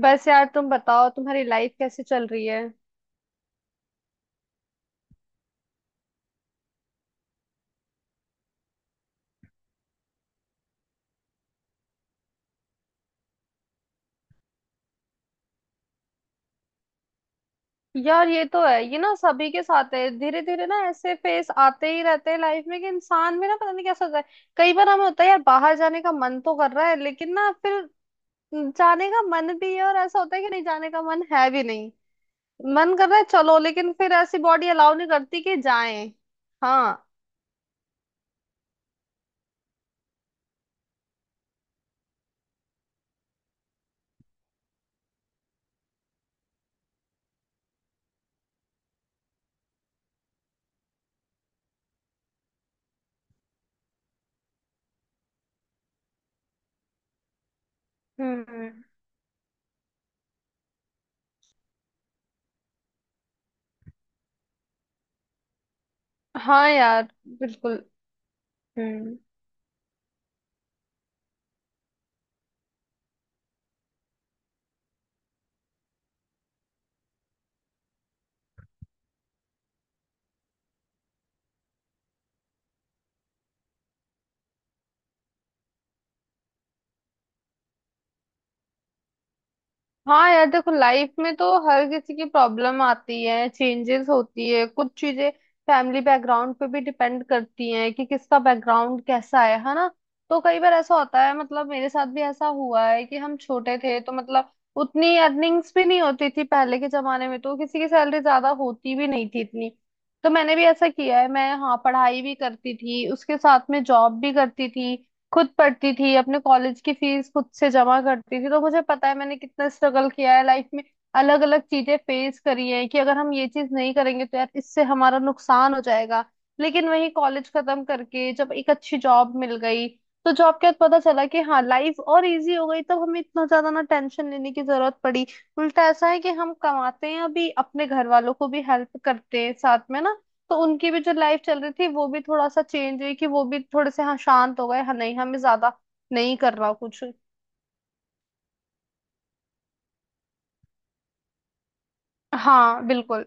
बस यार, तुम बताओ, तुम्हारी लाइफ कैसे चल रही है? यार, ये तो है, ये ना सभी के साथ है। धीरे धीरे ना ऐसे फेस आते ही रहते हैं लाइफ में कि इंसान में ना पता नहीं कैसा होता है। कई बार हमें होता है यार, बाहर जाने का मन तो कर रहा है लेकिन ना, फिर जाने का मन भी है, और ऐसा होता है कि नहीं, जाने का मन है भी नहीं। मन कर रहा है चलो, लेकिन फिर ऐसी बॉडी अलाउ नहीं करती कि जाएं। हाँ। हम्म। हाँ यार, बिल्कुल। हम्म। हाँ यार, देखो लाइफ में तो हर किसी की प्रॉब्लम आती है, चेंजेस होती है, कुछ चीजें फैमिली बैकग्राउंड पे भी डिपेंड करती हैं कि किसका बैकग्राउंड कैसा है ना। तो कई बार ऐसा होता है, मतलब मेरे साथ भी ऐसा हुआ है कि हम छोटे थे तो मतलब उतनी अर्निंग्स भी नहीं होती थी, पहले के जमाने में तो किसी की सैलरी ज्यादा होती भी नहीं थी इतनी। तो मैंने भी ऐसा किया है, मैं, हाँ, पढ़ाई भी करती थी, उसके साथ में जॉब भी करती थी। खुद पढ़ती थी, अपने कॉलेज की फीस खुद से जमा करती थी, तो मुझे पता है मैंने कितना स्ट्रगल किया है लाइफ में। अलग अलग चीजें फेस करी है कि अगर हम ये चीज नहीं करेंगे तो यार, इससे हमारा नुकसान हो जाएगा। लेकिन वही कॉलेज खत्म करके जब एक अच्छी जॉब मिल गई, तो जॉब के बाद पता चला कि हाँ, लाइफ और इजी हो गई, तब हमें इतना ज्यादा ना टेंशन लेने की जरूरत पड़ी। उल्टा ऐसा है कि हम कमाते हैं अभी, अपने घर वालों को भी हेल्प करते हैं साथ में ना। तो उनकी भी जो लाइफ चल रही थी वो भी थोड़ा सा चेंज हुई कि वो भी थोड़े से, हाँ, शांत हो गए। हाँ, नहीं हमें ज्यादा नहीं करना कुछ। हाँ, बिल्कुल।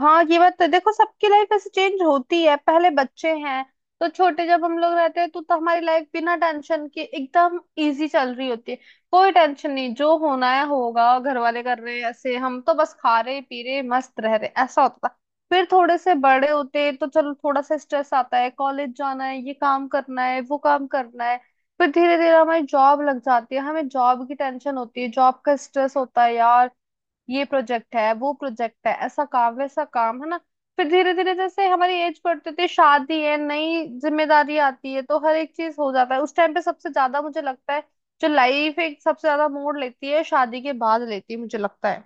हाँ, ये बात तो देखो, सबकी लाइफ ऐसे चेंज होती है। पहले बच्चे हैं, तो छोटे जब हम लोग रहते हैं तो हमारी लाइफ बिना टेंशन के एकदम इजी चल रही होती है। कोई टेंशन नहीं, जो होना है होगा, घर वाले कर रहे हैं, ऐसे हम तो बस खा रहे, पी रहे, मस्त रह रहे, ऐसा होता था। फिर थोड़े से बड़े होते हैं, तो चलो, थोड़ा सा स्ट्रेस आता है, कॉलेज जाना है, ये काम करना है, वो काम करना है। फिर धीरे धीरे हमारी जॉब लग जाती है, हमें जॉब की टेंशन होती है, जॉब का स्ट्रेस होता है यार, ये प्रोजेक्ट है, वो प्रोजेक्ट है, ऐसा काम, वैसा काम, है ना। फिर धीरे धीरे जैसे हमारी एज बढ़ती होती है, शादी है, नई जिम्मेदारी आती है, तो हर एक चीज हो जाता है उस टाइम पे सबसे ज्यादा, मुझे लगता है। जो लाइफ एक सबसे ज्यादा मोड़ लेती है, शादी के बाद लेती है, मुझे लगता है।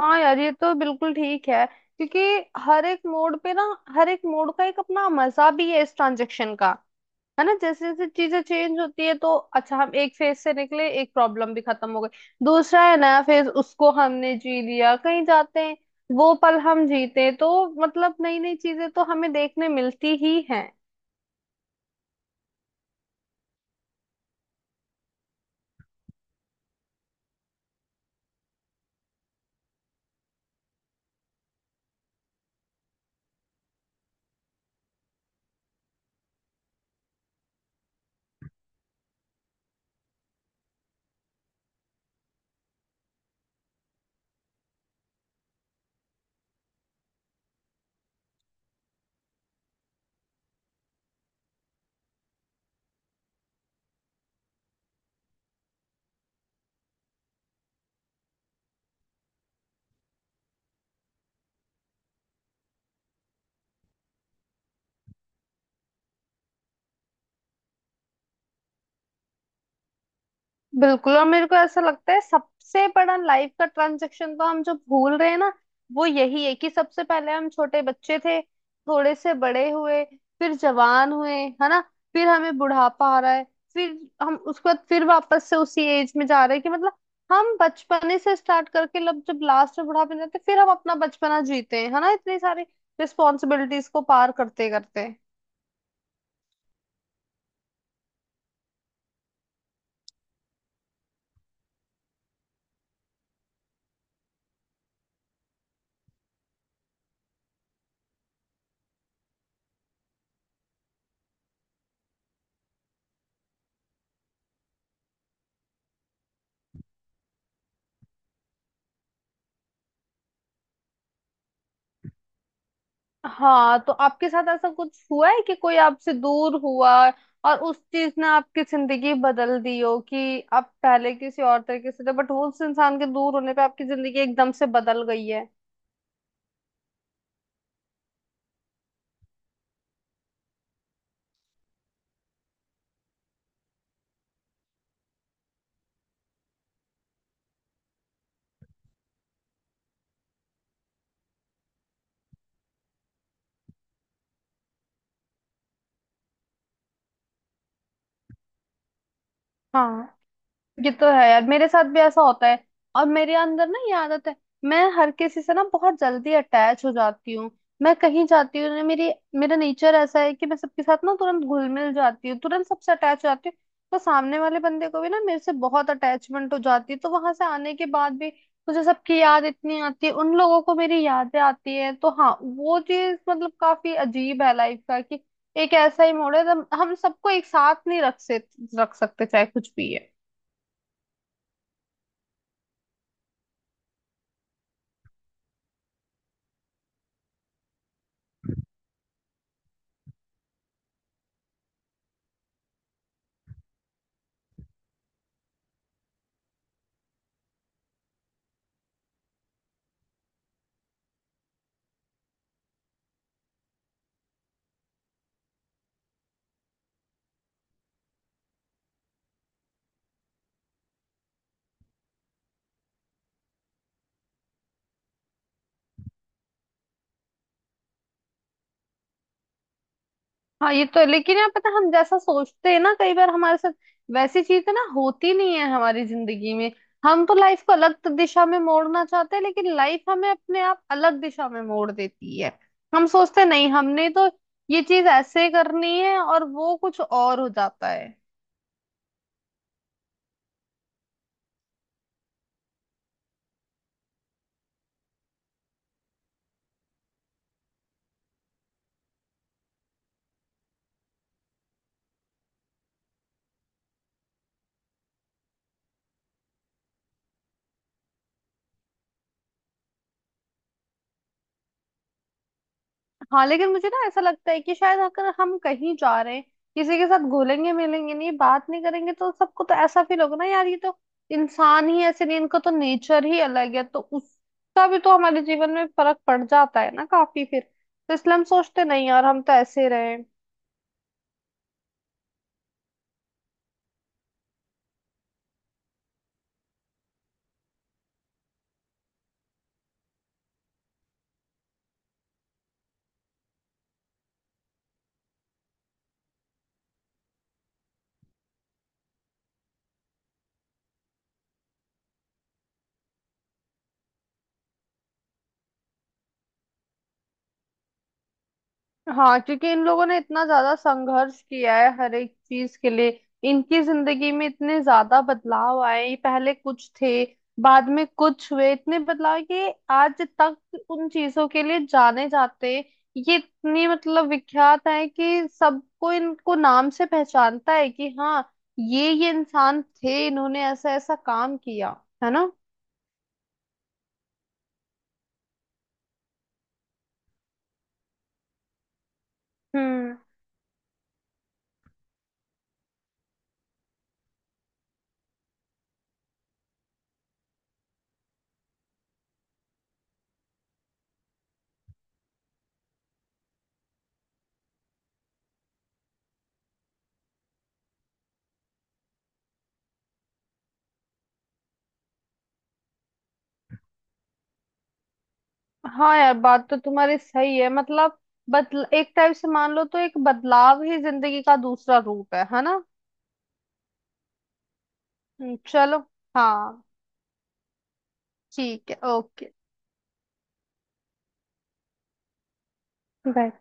हाँ यार, ये तो बिल्कुल ठीक है, क्योंकि हर एक मोड पे ना, हर एक मोड का एक अपना मजा भी है इस ट्रांजेक्शन का, है ना। जैसे जैसे चीजें चेंज होती है, तो अच्छा, हम एक फेज से निकले, एक प्रॉब्लम भी खत्म हो गई, दूसरा है नया फेज, उसको हमने जी लिया, कहीं जाते हैं, वो पल हम जीते हैं। तो मतलब नई नई चीजें तो हमें देखने मिलती ही हैं। बिल्कुल, और मेरे को ऐसा लगता है सबसे बड़ा लाइफ का ट्रांजेक्शन तो हम जो भूल रहे हैं ना, वो यही है कि सबसे पहले हम छोटे बच्चे थे, थोड़े से बड़े हुए, फिर जवान हुए, है ना। फिर हमें बुढ़ापा आ रहा है, फिर हम उसके बाद फिर वापस से उसी एज में जा रहे हैं कि मतलब हम बचपने से स्टार्ट करके लब जब लास्ट में बुढ़ापे में जाते हैं, फिर हम अपना बचपना जीते हैं, है ना, इतनी सारी रिस्पॉन्सिबिलिटीज को पार करते करते। हाँ, तो आपके साथ ऐसा कुछ हुआ है कि कोई आपसे दूर हुआ और उस चीज ने आपकी जिंदगी बदल दी हो, कि आप पहले किसी और तरीके से थे बट वो उस इंसान के दूर होने पे आपकी जिंदगी एकदम से बदल गई है? हाँ, ये तो है यार, मेरे साथ भी ऐसा होता है। और मेरे अंदर ना, ये आदत है, मैं हर किसी से ना बहुत जल्दी अटैच हो जाती हूँ। मैं कहीं जाती हूँ ना, मेरी मेरा नेचर ऐसा है कि मैं सबके साथ ना तुरंत घुल मिल जाती हूँ, तुरंत सबसे अटैच हो जाती हूँ। तो सामने वाले बंदे को भी ना मेरे से बहुत अटैचमेंट हो जाती है, तो वहां से आने के बाद भी मुझे सबकी याद इतनी आती है, उन लोगों को मेरी यादें आती है। तो हाँ, वो चीज मतलब काफी अजीब है लाइफ का, कि एक ऐसा ही मोड़ है जब हम सबको एक साथ नहीं रख सकते, चाहे कुछ भी है। हाँ, ये तो है, लेकिन यार, पता है, हम जैसा सोचते हैं ना कई बार हमारे साथ वैसी चीजें ना होती नहीं है हमारी जिंदगी में। हम तो लाइफ को अलग दिशा में मोड़ना चाहते हैं लेकिन लाइफ हमें अपने आप अलग दिशा में मोड़ देती है। हम सोचते हैं, नहीं, हमने तो ये चीज ऐसे करनी है, और वो कुछ और हो जाता है। हाँ लेकिन मुझे ना ऐसा लगता है कि शायद अगर हम कहीं जा रहे हैं, किसी के साथ घुलेंगे मिलेंगे नहीं, बात नहीं करेंगे, तो सबको तो ऐसा फील होगा ना यार, ये तो इंसान ही ऐसे नहीं, इनका तो नेचर ही अलग है, तो उसका भी तो हमारे जीवन में फर्क पड़ जाता है ना काफी फिर। तो इसलिए हम सोचते नहीं यार, हम तो ऐसे रहे। हाँ, क्योंकि इन लोगों ने इतना ज्यादा संघर्ष किया है हर एक चीज के लिए, इनकी जिंदगी में इतने ज्यादा बदलाव आए, ये पहले कुछ थे, बाद में कुछ हुए, इतने बदलाव कि आज तक उन चीजों के लिए जाने जाते हैं। ये इतनी मतलब विख्यात है कि सबको इनको नाम से पहचानता है कि हाँ, ये इंसान थे, इन्होंने ऐसा ऐसा काम किया, है ना। हम्म। हाँ यार, बात तो तुम्हारी सही है, मतलब बदल एक टाइप से मान लो तो एक बदलाव ही जिंदगी का दूसरा रूप है ना। चलो। हाँ, ठीक है, ओके, बाय।